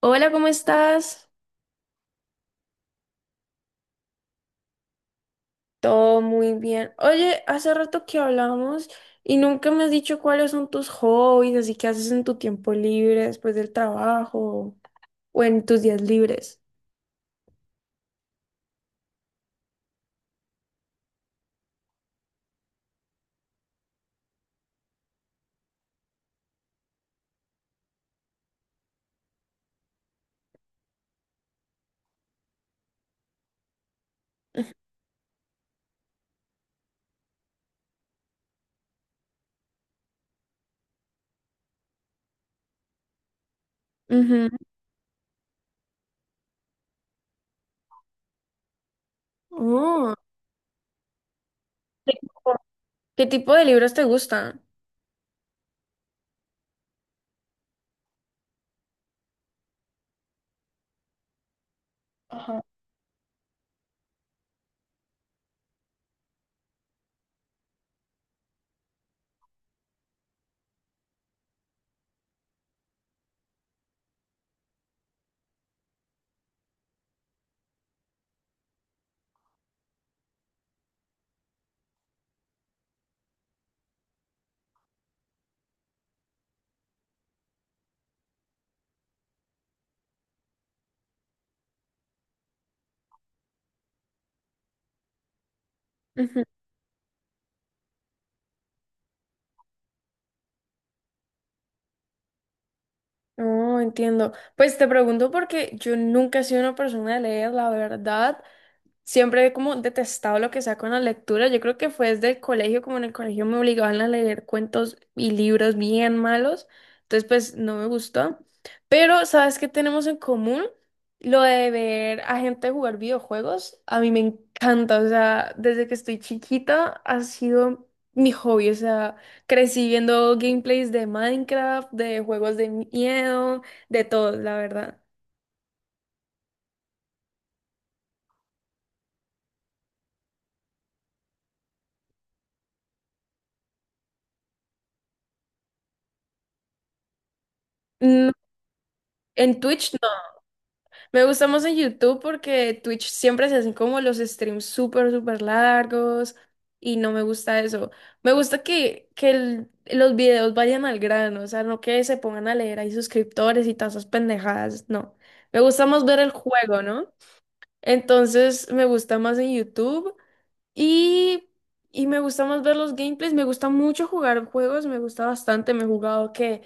Hola, ¿cómo estás? Todo muy bien. Oye, hace rato que hablamos y nunca me has dicho cuáles son tus hobbies, así que haces en tu tiempo libre después del trabajo o en tus días libres. Ujú. Oh, ¿qué tipo qué tipo de libros te gustan? Ajá. Ujú. No, entiendo. Pues te pregunto porque yo nunca he sido una persona de leer, la verdad. Siempre he como detestado lo que sea con la lectura. Yo creo que fue desde el colegio, como en el colegio me obligaban a leer cuentos y libros bien malos. Entonces, pues no me gustó. Pero, ¿sabes qué tenemos en común? Lo de ver a gente jugar videojuegos. A mí me encanta. O sea, desde que estoy chiquita ha sido mi hobby. O sea, crecí viendo gameplays de Minecraft, de juegos de miedo, de todo, la verdad. Mm, En Twitch. Me gusta más en YouTube porque Twitch siempre se hacen como los streams súper, súper largos y no me gusta eso. Me gusta que los videos vayan al grano, o sea, no que se pongan a leer ahí suscriptores y todas esas pendejadas, no. Me gusta más ver el juego, ¿no? Entonces me gusta más en YouTube y, y me gusta más ver los gameplays. Me gusta mucho jugar juegos, me gusta bastante. Me he jugado que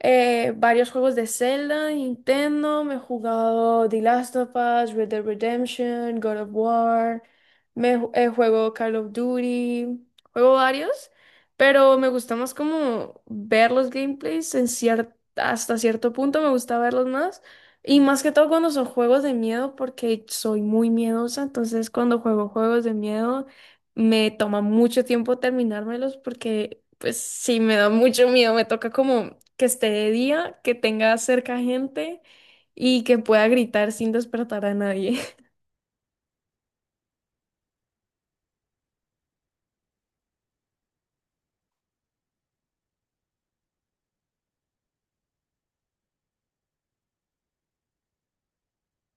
varios juegos de Zelda, Nintendo, me he jugado The Last of Us, Red Dead Redemption, God of War, juego Call of Duty, juego varios, pero me gusta más como ver los gameplays hasta cierto punto me gusta verlos más. Y más que todo cuando son juegos de miedo, porque soy muy miedosa, entonces cuando juego juegos de miedo me toma mucho tiempo terminármelos porque pues sí, me da mucho miedo. Me toca como que esté de día, que tenga cerca gente y que pueda gritar sin despertar a nadie.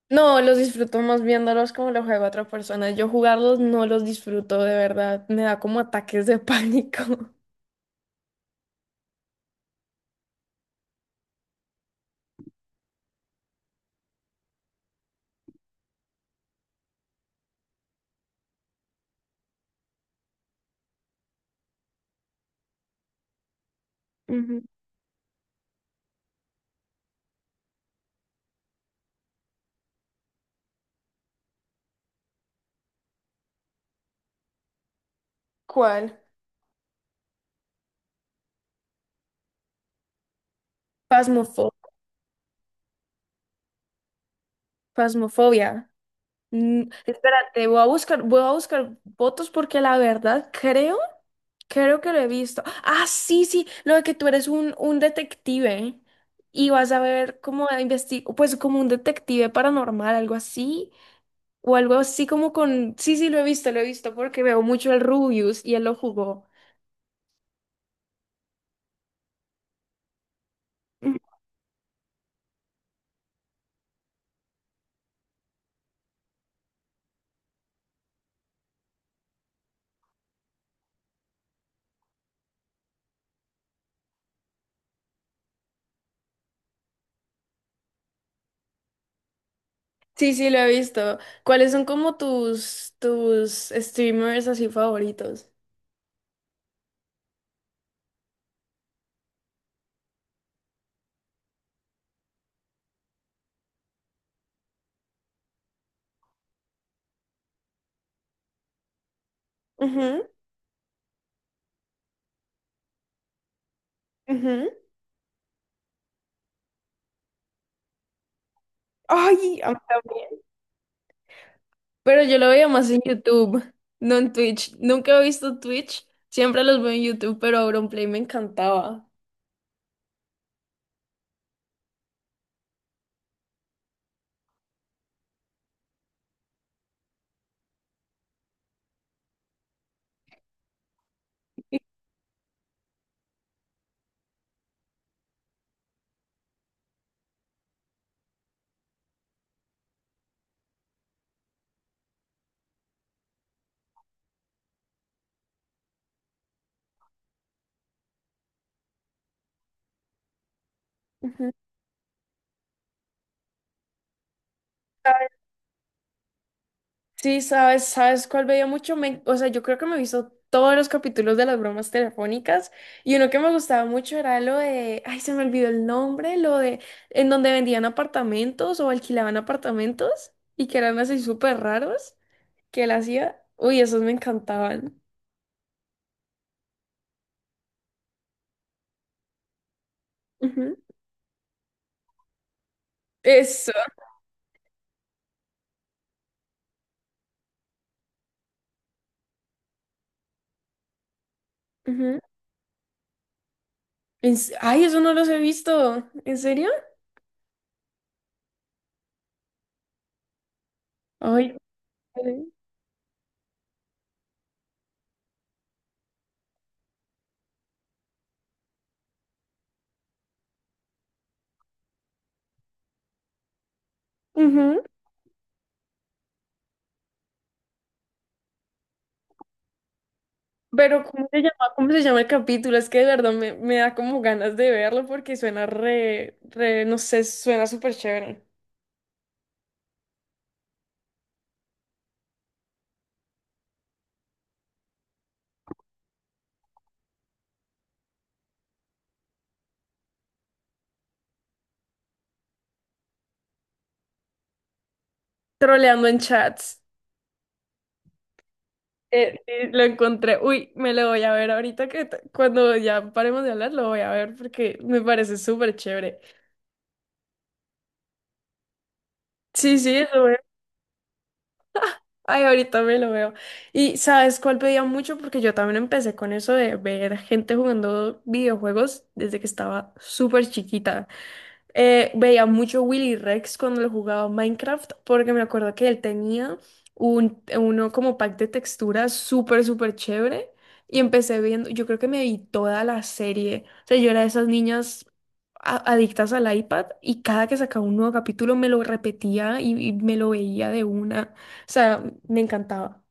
No, los disfruto más viéndolos como los juega otra persona. Yo jugarlos no los disfruto de verdad. Me da como ataques de pánico. Ujú. ¿Cuál? Pasmofobia. Pasmofobia. Espérate, voy a buscar fotos porque la verdad creo creo que lo he visto. Ah, sí, sí, lo de que tú eres un detective y vas a ver cómo investigar, pues como un detective paranormal, algo así, o algo así como con... Sí, sí, lo he visto porque veo mucho el Rubius y él lo jugó. Ujú. Sí, sí, lo he visto. ¿Cuáles son como tus streamers así favoritos? Ujú, ujú. Ay, a mí también. Pero yo lo veía más en YouTube, no en Twitch. Nunca he visto Twitch, siempre los veo en YouTube, pero Auronplay me encantaba. Ujú. Sí, sabes, ¿sabes cuál veía mucho? O sea, yo creo que me he visto todos los capítulos de las bromas telefónicas y uno que me gustaba mucho era lo de, ay, se me olvidó el nombre, lo de en donde vendían apartamentos o alquilaban apartamentos y que eran así súper raros que él hacía. Uy, esos me encantaban. Ujú. Eso. Ay, eso no los he visto. ¿En serio? Ay, vale. Ujú. Pero ¿cómo se llama? ¿Cómo se llama el capítulo? Es que de verdad me da como ganas de verlo porque suena re, re, no sé, suena súper chévere. Troleando en chats. Sí, lo encontré. Uy, me lo voy a ver ahorita que cuando ya paremos de hablar lo voy a ver porque me parece súper chévere. Sí, sí, eso. Ay, ahorita me lo veo. ¿Y sabes cuál pedía mucho? Porque yo también empecé con eso de ver gente jugando videojuegos desde que estaba súper chiquita. Veía mucho Willy Rex cuando lo jugaba a Minecraft porque me acuerdo que él tenía uno como pack de texturas súper, súper chévere y empecé viendo, yo creo que me vi toda la serie. O sea, yo era de esas niñas adictas al iPad y cada que sacaba un nuevo capítulo me lo repetía y me lo veía de una. O sea, me encantaba.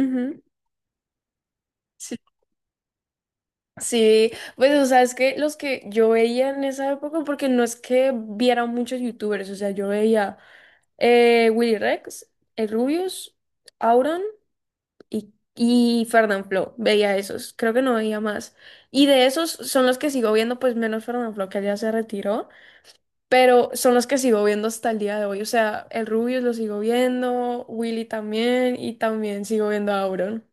Ujú. Sí, pues o sea, es que los que yo veía en esa época, porque no es que viera muchos youtubers, o sea, yo veía Willy Rex, el Rubius, Auron y Fernanfloo, veía esos, creo que no veía más. Y de esos son los que sigo viendo, pues menos Fernanfloo, que ya se retiró, pero son los que sigo viendo hasta el día de hoy, o sea, el Rubius lo sigo viendo, Willy también, y también sigo viendo a Auron.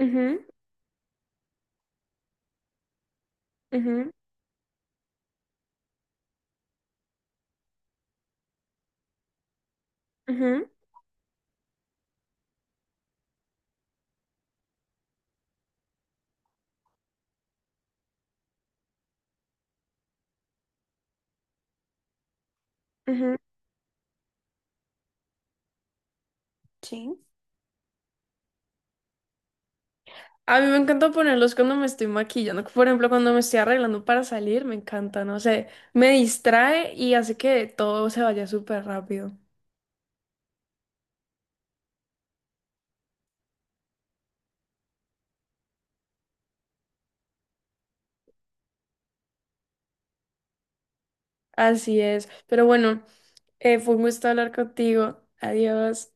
Ujú, ujú, ujú, ujú. Sí. A mí me encanta ponerlos cuando me estoy maquillando. Por ejemplo, cuando me estoy arreglando para salir, me encanta, no sé, me distrae y hace que todo se vaya súper rápido. Así es. Pero bueno, fue un gusto hablar contigo. Adiós.